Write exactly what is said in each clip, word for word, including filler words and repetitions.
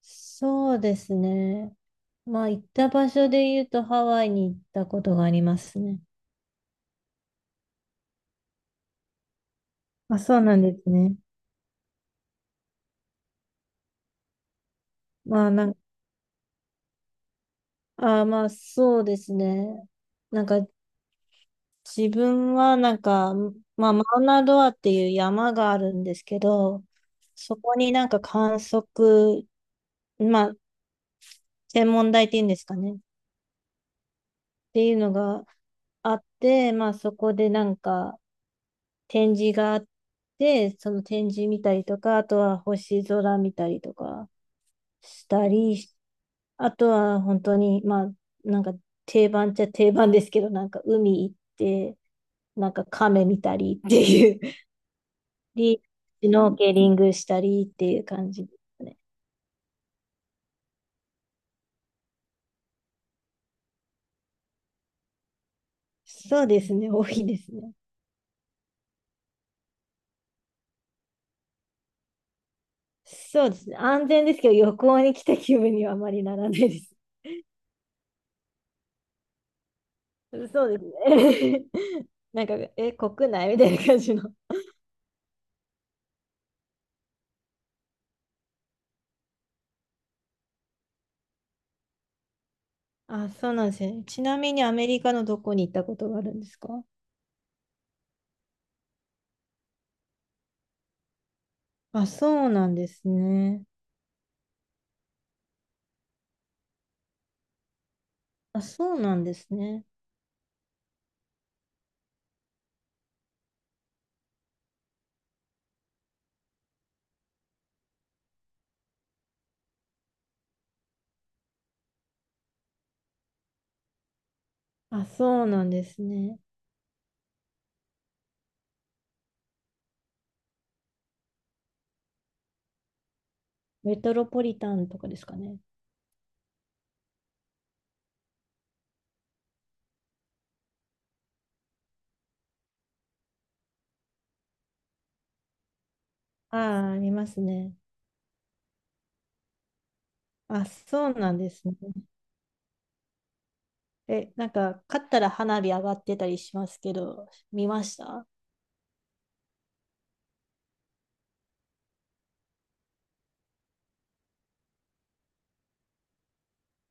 そうですね。まあ、行った場所で言うとハワイに行ったことがありますね。あ、そうなんですね。まあ、なん、あまあ、そうですね。なんか、自分はなんか、まあ、マウナロアっていう山があるんですけど、そこになんか観測、まあ、天文台っていうんですかね、っていうのがあって、まあ、そこでなんか展示があって、その展示見たりとか、あとは星空見たりとか。したり、あとは本当に、まあ、なんか定番っちゃ定番ですけど、なんか海行って、なんか亀見たりっていう、リシュノーケリングしたりっていう感じですね。そうですね、多いですね。そうですね、安全ですけど、旅行に来た気分にはあまりならないです。そうですね。なんか、え、国内みたいな感じの。あ、そうなんですね。ちなみにアメリカのどこに行ったことがあるんですか？あ、そうなんですね。あ、そうなんですね。あ、そうなんですね。メトロポリタンとかですかね。ああ、ありますね。あ、そうなんですね。え、なんか、勝ったら花火上がってたりしますけど、見ました？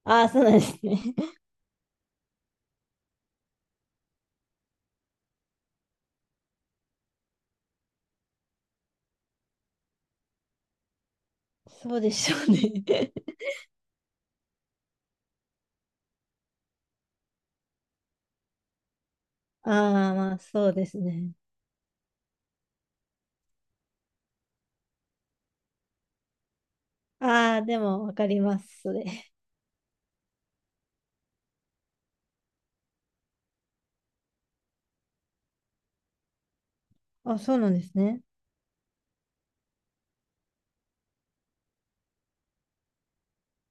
ああー、そうなんですね。そうでしょうね。ああ、まあ、そうですね。ああ、でも、わかります、それ。あ、そうなんですね。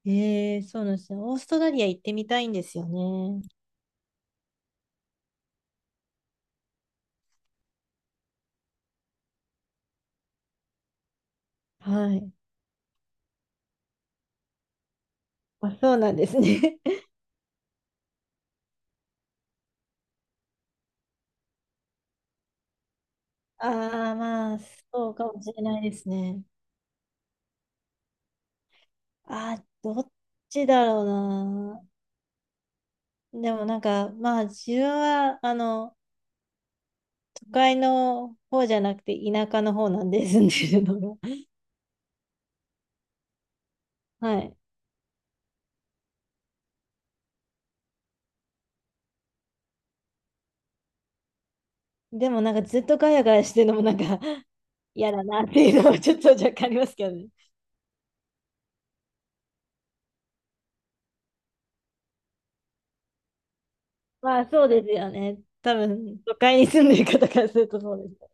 ええ、そうなんですね。オーストラリア行ってみたいんですよね。はい。あ、そうなんですね。ああ、まあ、そうかもしれないですね。ああ、どっちだろうな。でもなんか、まあ、自分は、あの、都会の方じゃなくて、田舎の方なんで住んでるのが。はい。でもなんか、ずっとガヤガヤしてるのもなんか、嫌だなっていうのはちょっと若干ありますけどね。まあ、そうですよね。多分、都会に住んでる方からするとそうです。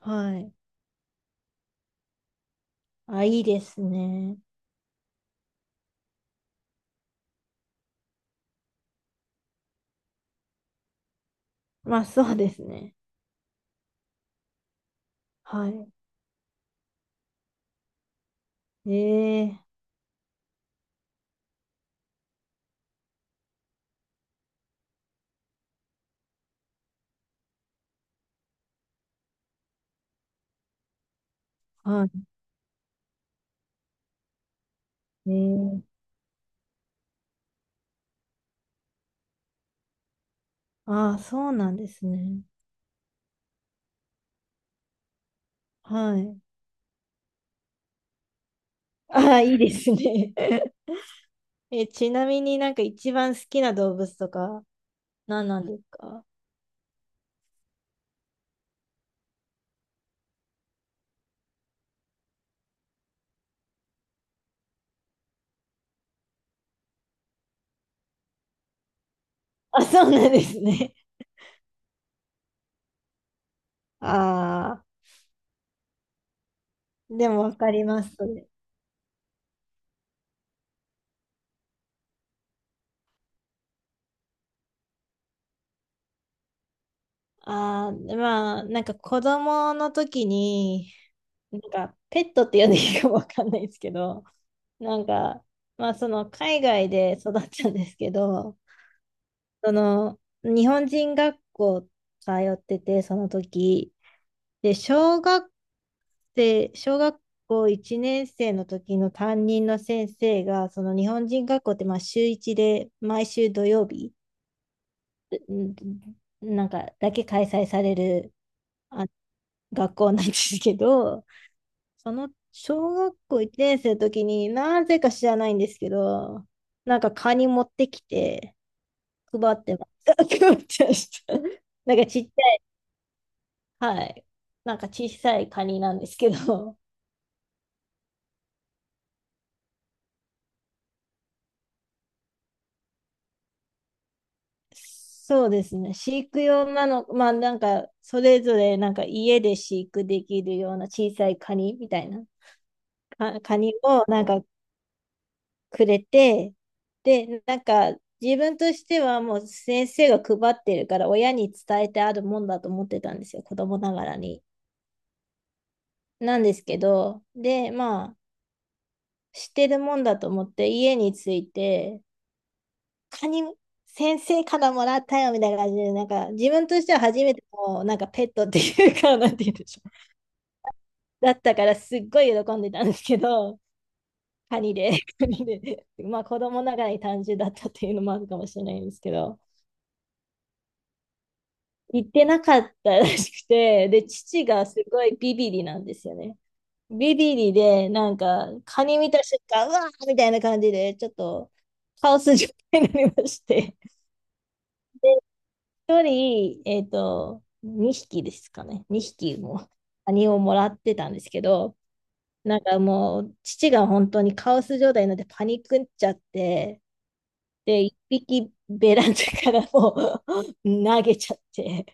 はい。あ、いいですね。まあ、そうですね。はい。ええはい。ええああ、そうなんですね。はい。ああ、いいですね。え、ちなみになんか一番好きな動物とか何なんですか？ あ、そうなんですね。ああ、でもわかります、それ。ああ、まあ、なんか子供の時に、なんかペットって呼んでいいかもわかんないですけど、なんか、まあその海外で育ったんですけど、その日本人学校通ってて、その時、で、小学生、小学校いちねん生の時の担任の先生が、その日本人学校ってまあ週しゅういちで毎週土曜日、うんなんかだけ開催されるあ学校なんですけど、その小学校いちねん生の時になぜか知らないんですけど、なんかカニ持ってきて配ってました。配ってました。なんかちっちゃい、はい。なんか小さいカニなんですけど、そうですね。飼育用なの、まあなんか、それぞれなんか家で飼育できるような小さいカニみたいな、かカニをなんかくれて、で、なんか自分としてはもう先生が配ってるから親に伝えてあるもんだと思ってたんですよ、子供ながらに。なんですけど、で、まあ、知ってるもんだと思って家に着いて、カニ先生からもらったよみたいな感じで、なんか自分としては初めてのなんかペットっていうか、なんて言うんでしょう。だったからすっごい喜んでたんですけど、カニで、カニで、まあ子供ながらに単純だったっていうのもあるかもしれないんですけど、行ってなかったらしくて、で、父がすごいビビリなんですよね。ビビリで、なんかカニ見た瞬間、うわーみたいな感じで、ちょっとカオス状態になりまして。で、一人、えっと、にひきですかね。にひきも、カニをもらってたんですけど、なんかもう、父が本当にカオス状態になってパニックっちゃって、で、いっぴきベランダからもう 投げちゃって、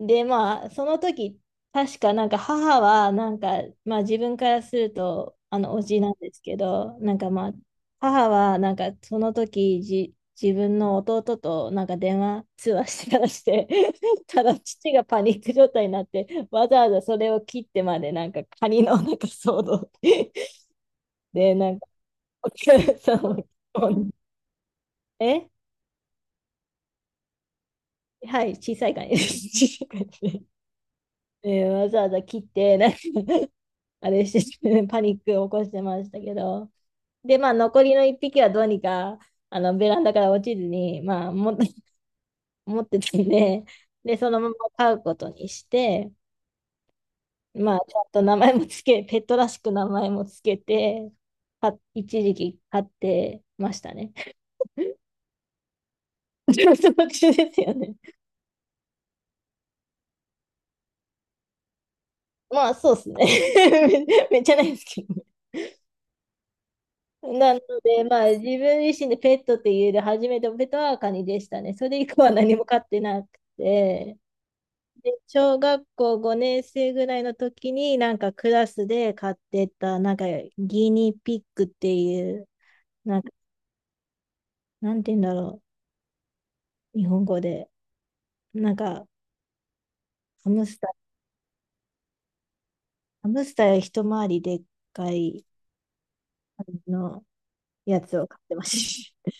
で、まあ、その時、確かなんか母は、なんか、まあ自分からすると、あの、おじなんですけど、なんかまあ、母はなんかその時、じ、自分の弟となんか電話通話してからして、ただ父がパニック状態になって、わざわざそれを切ってまでなんかカニのなんか騒動 で、なんか お客さんを、えはい、小さいカニです。小さいカニで でわざわざ切って、なんあれしてて、パニックを起こしてましたけど。で、まあ、残りのいっぴきはどうにか、あの、ベランダから落ちずに、まあ、も、持ってたんで、で、そのまま飼うことにして、まあ、ちゃんと名前もつけ、ペットらしく名前もつけて、か一時期飼ってましたね。ちょっと特殊ですよね。まあ、そうですね。めめっちゃないですけどね。なので、まあ、自分自身でペットって言える初めてのペットはカニでしたね。それ以降は何も飼ってなくて。で小学校ごねん生ぐらいの時に、なんかクラスで買ってた、なんかギニピックっていう、なんか、なんて言うんだろう、日本語で。なんか、ハムスター、ハムスターより一回りでっかい、あの、やつを買ってました。